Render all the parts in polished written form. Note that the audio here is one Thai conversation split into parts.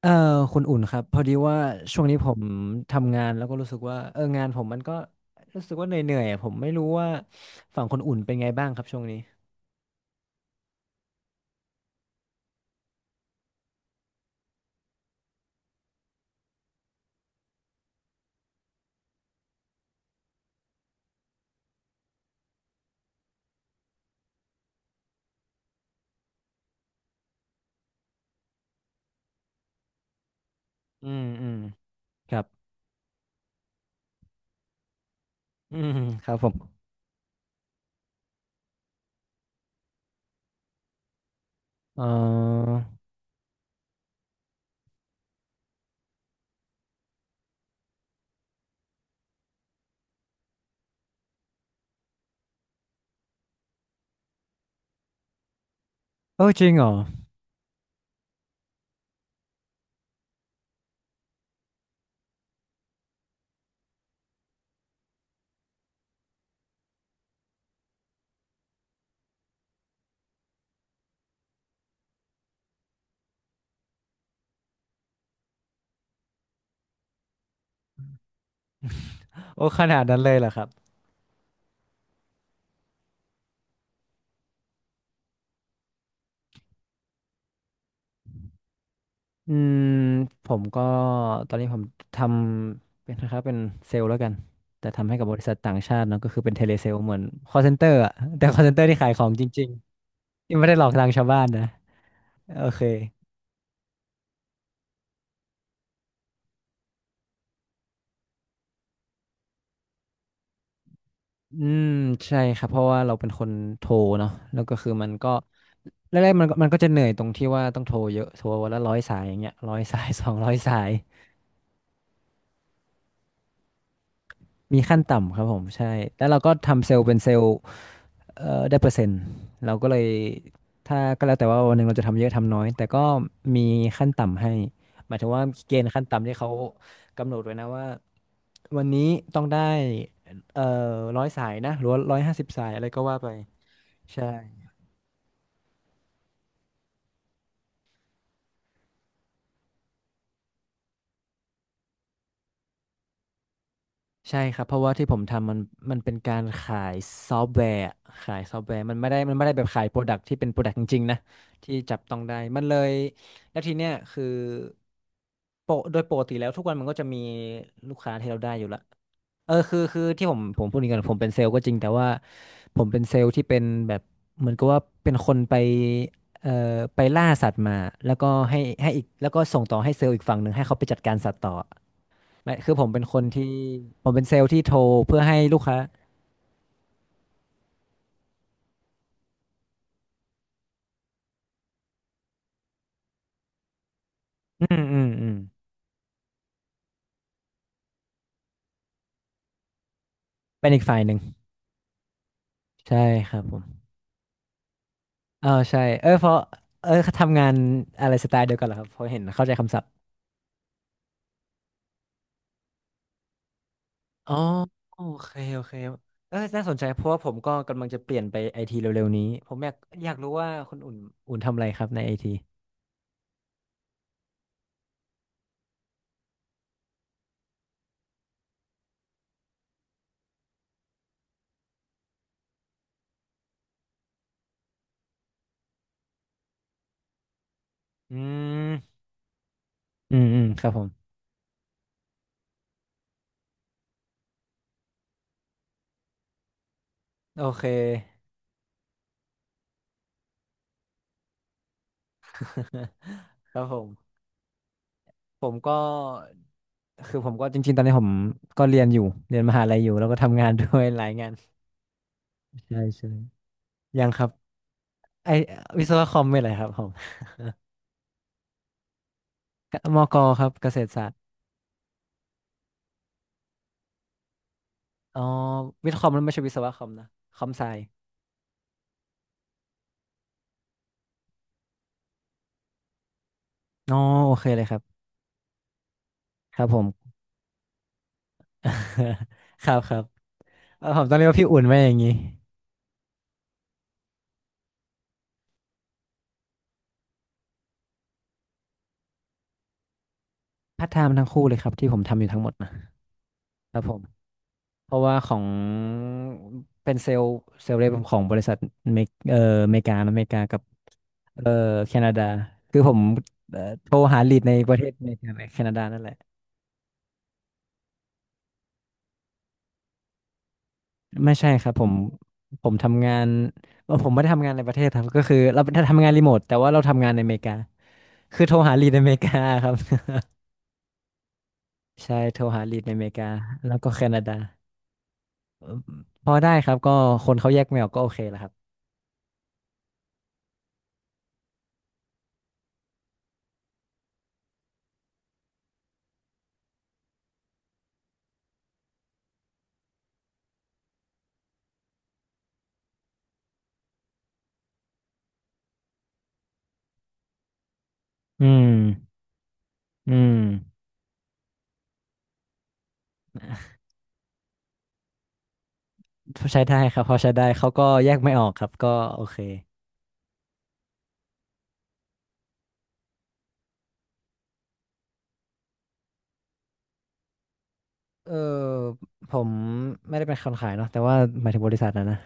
เอ่อคุณอุ่นครับพอดีว่าช่วงนี้ผมทำงานแล้วก็รู้สึกว่างานผมมันก็รู้สึกว่าเหนื่อยๆอะผมไม่รู้ว่าฝั่งคนอุ่นเป็นไงบ้างครับช่วงนี้อืมอืมครับอืมครับผมเออโอ้จริงเหรอ โอ้ขนาดนั้นเลยเหรอครับอืมผมก็ตอนนี้ผมทำเป็นนะครับเป็นเซลล์แล้วกันแต่ทำให้กับบริษัทต่างชาติเนอะก็คือเป็นเทเลเซลล์เหมือน call center อะแต่ call center ที่ขายของจริงๆที่ไม่ได้หลอกลวงชาวบ้านนะโอเค อืมใช่ครับเพราะว่าเราเป็นคนโทรเนาะแล้วก็คือมันก็แรกๆมันก็จะเหนื่อยตรงที่ว่าต้องโทรเยอะโทรวันละร้อยสายอย่างเงี้ยร้อยสาย สองร้อยสายมีขั้นต่ำครับผมใช่แล้วเราก็ทำเซลล์เป็นเซลล์ได้เปอร์เซ็นต์เราก็เลยถ้าก็แล้วแต่ว่าวันหนึ่งเราจะทำเยอะทำน้อยแต่ก็มีขั้นต่ำให้หมายถึงว่าเกณฑ์ขั้นต่ำที่เขากำหนดไว้นะว่าวันนี้ต้องได้เอ่อร้อยสายนะหรือว่าร้อยห้าสิบสายอะไรก็ว่าไปใช่ ใช่ครับเพราะว่าที่ผมทำมันเป็นการขายซอฟต์แวร์อะขายซอฟต์แวร์มันไม่ได้แบบขายโปรดักที่เป็นโปรดักจริงๆนะที่จับต้องได้มันเลยแล้วทีเนี้ยคือโปรโดยปกติแล้วทุกวันมันก็จะมีลูกค้าที่เราได้อยู่ละเออคือคือที่ผมพูดอย่างนี้ก่อนผมเป็นเซลล์ก็จริงแต่ว่าผมเป็นเซลล์ที่เป็นแบบเหมือนกับว่าเป็นคนไปเอ่อไปล่าสัตว์มาแล้วก็ให้อีกแล้วก็ส่งต่อให้เซลล์อีกฝั่งหนึ่งให้เขาไปจัดการสัตว์ต่อ ไม่คือผมเป็นคนที่ผมเป็นเซลล์ที่โทรเพื่อให้ลูกค้าอืมอืมอืมเป็นอีกฝ่ายหนึ่งใช่ครับผมเออใช่เออเพราะเออทำงานอะไรสไตล์เดียวกันเหรอครับพอเห็นเข้าใจคำศัพท์อ๋อโอเคโอเคเออน่าสนใจเพราะว่าผมก็กำลังจะเปลี่ยนไปไอทีเร็วๆนี้ผมอยากอยากรู้ว่าคุณอุ่นทำอะไรครับในไอทีอืมครับผมโอเคครับผมผมก็คือผมก็จริงๆตอนนี้ผมก็เรียนอยู่เรียนมหาลัยอยู่แล้วก็ทำงานด้วย หลายงาน ใช่ใช่ยังครับไอวิศวะคอมเป็นอะไรครับผมมกครับเกษตรศาสตร์อ๋อวิทย์คอมมันไม่ใช่วิศวะคอมนะคอมไซอ๋อโอเคเลยครับครับผม ครับครับผมต้องเรียกว่าพี่อุ่นไว้อย่างนี้พัฒนาร์ทไทม์ทั้งคู่เลยครับที่ผมทำอยู่ทั้งหมดนะครับผมเพราะว่าของเป็นเซลล์เซลล์เรปของบริษัทเมกอเมริกานะอเมริกากับเอ่อแคนาดาคือผมโทรหาลีดในประเทศอเมริกาและแคนาดานั่นแหละ ไม่ใช่ครับผมผมทำงานผมไม่ได้ทำงานในประเทศครับก็คือเราถ้าทำงานรีโมทแต่ว่าเราทำงานในอเมริกาคือโทรหาลีดในอเมริกาครับ ใช่โทรหาลีดในอเมริกาแล้วก็แคนาดาเอ่อพอได้ครับก็คนเขาแยกไม่ออกก็โอเคแหละครับอืมอืมใช้ได้ครับพอใช้ได้เขาก็แยกไม่ออกครับก็โอเค เออผมไม่ได้เป็นคนขายเนาะแต่ว่าหมายถึงบริษัทนะนะ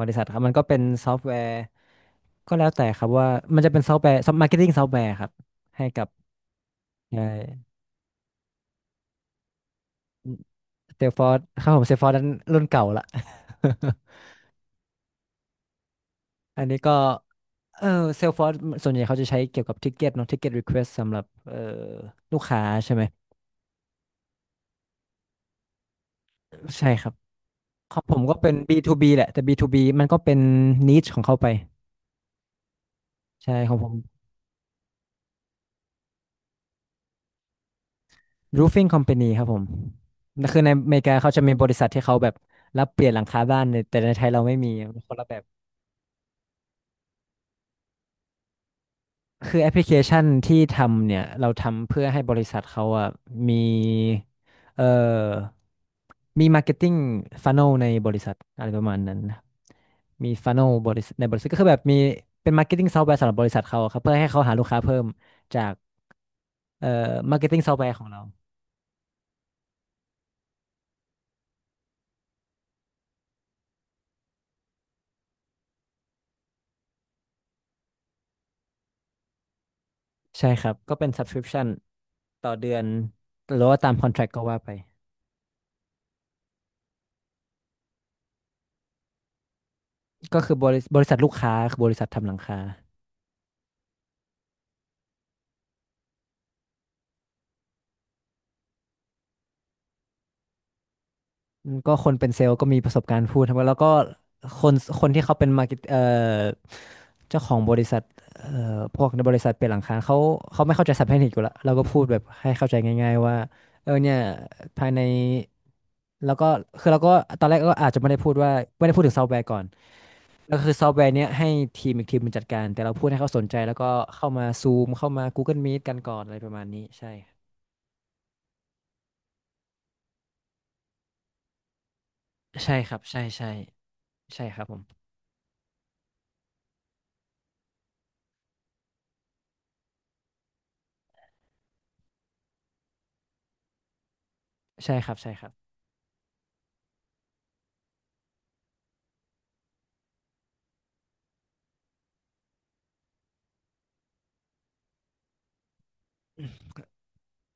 บริษัทครับมันก็เป็นซอฟต์แวร์ก็แล้วแต่ครับว่ามันจะเป็นซอฟต์แวร์ซอฟต์มาร์เก็ตติ้งซอฟต์แวร์ครับให้กับใช่เซลฟอร์ครับผมเซลฟอร์นั้นรุ่นเก่าละ อันนี้ก็เออเซลฟอร์ส่วนใหญ่เขาจะใช้เกี่ยวกับทิกเก็ตเนาะทิกเก็ตรีเควสสำหรับลูกค้าใช่ไหมใช่ครับของผมก็เป็น B2B แหละแต่ B2B มันก็เป็นนิชของเขาไปใช่ของผม roofing company ครับผมคือในอเมริกาเขาจะมีบริษัทที่เขาแบบรับเปลี่ยนหลังคาบ้านเนี่ยแต่ในไทยเราไม่มีมันคนละแบบ คือแอปพลิเคชันที่ทำเนี่ยเราทำเพื่อให้บริษัทเขาอ่ะมีเอ่อมี marketing funnel ในบริษัทอะไรประมาณนั้นนะมี funnel บริษัทในบริษัทก็คือแบบมีเป็น marketing software สำหรับบริษัทเขาอะครับเพื่อให้เขาหาลูกค้าเพิ่มจากmarketing software ของเราใช่ครับก็เป็น subscription ต่อเดือนหรือว่าตาม contract ก็ว่าไป ก็คือบริษัทลูกค้าคือบริษัททำหลังคาอืมก็คนเป็นเซลล์ก็มีประสบการณ์พูดทั้งหมดแล้วก็คนคนที่เขาเป็นมาร์เก็ตเจ้าของบริษัทเอ่พวกในบริษัทเป็นหลังคาเขาเขาไม่เข้าใจศัพท์เทคนิคอยู่แล้วเราก็พูดแบบให้เข้าใจง่ายๆว่าเออเนี่ยภายในแล้วก็คือเราก็ตอนแรกก็อาจจะไม่ได้พูดว่าไม่ได้พูดถึงซอฟต์แวร์ก่อนก็คือซอฟต์แวร์เนี้ยให้ทีมอีกทีมมันจัดการแต่เราพูดให้เขาสนใจแล้วก็เข้ามาซูมเข้ามา Google Meet กันก่อนอะไรประมาณนี้ใช่ใช่ครับใช่ ใช่ครับผมใช่ครับใช่ครับ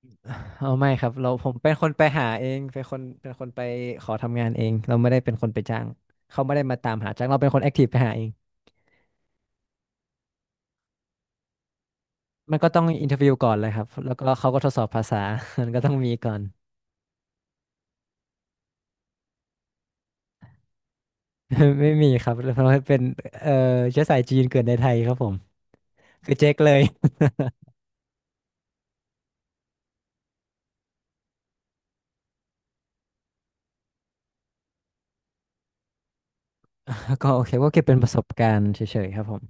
เอาไม่ครับเราผมเป็นคนไปหาเองเป็นคนไปขอทำงานเองเราไม่ได้เป็นคนไปจ้างเขาไม่ได้มาตามหาจ้างเราเป็นคนแอคทีฟไปหาเองมันก็ต้องอินเทอร์วิวก่อนเลยครับแล้วก็เขาก็ทดสอบภาษา มันก็ต้องมีก่อน ไม่มีครับเพราะว่าเป็นเอ่อเชื้อสายจีนเกิดในไทยครับผมคือเจ๊กเลย ก็โอเคก็เก็บเป็นประสบการณ์เฉยๆครับผม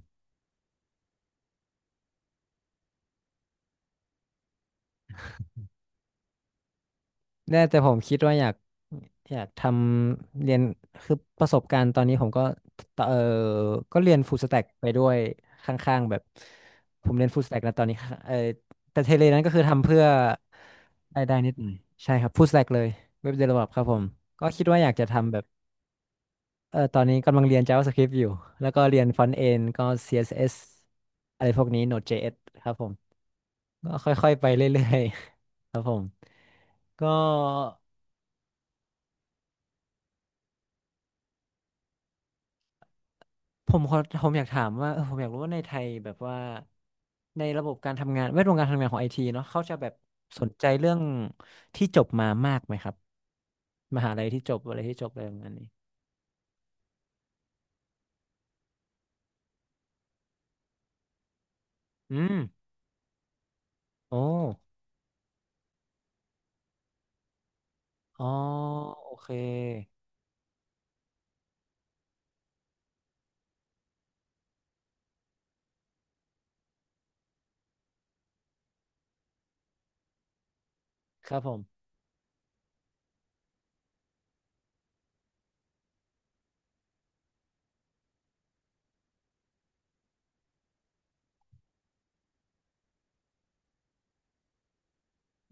ได้แต่ผมคิดว่าอยากอยากเรียนคือประสบการณ์ตอนนี้ผมก็ตเออก็เรียนฟู l สแต็กไปด้วยข้างๆแบบผมเรียนฟู l สแต็กนะตอนนี้ค่ะเออแต่เทเลนั้นก็คือทำเพื่อรายได้นิดหน่อยใช่ครับฟู l สแต็กเลยเว็บเดเวลลอครับผมก็คิดว่าอยากจะทำแบบเออตอนนี้กำลังเรียน JavaScript อยู่แล้วก็เรียน Front End ก็ CSS อสเอสอะไรพวกนี้ Node.js ครับผมก็ค่อยๆไปเรื่อยๆ ครับผมก็ ผมขอผมอยากถามว่าเออผมอยากรู้ว่าในไทยแบบว่าในระบบการทำงานแวดวงการทำงานของไอทีเนาะเขาจะแบบสนใจเรื่องที่จบมามากไหมครับมหาลัยที่จบอะไรที่จบอะไรประมาณนี้อืมโอ้อ๋อโอเคครับผม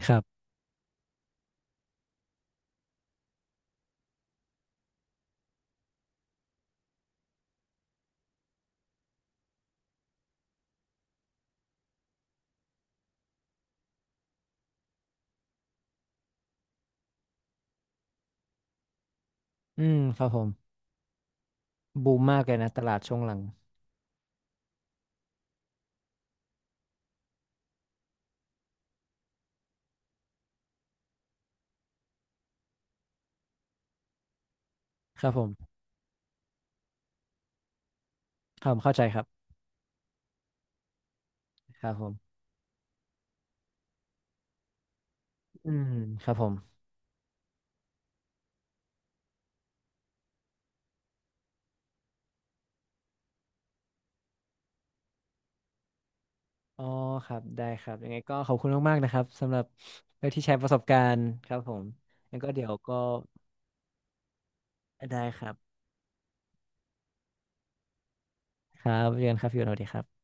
ครับอืมครับผมบูมมากเลยนะตลาดช่วงหลังครับผมครับผมเข้าใจครับครับผมอืมครับผม อ๋อครับได้ครับยังไงก็ขอบคุณมากๆนะครับสำหรับที่แชร์ประสบการณ์ครับผมงั้นก็เดี๋ยวก็ได้ครับครับเรียนครับพี่โอตสวัสดีครับ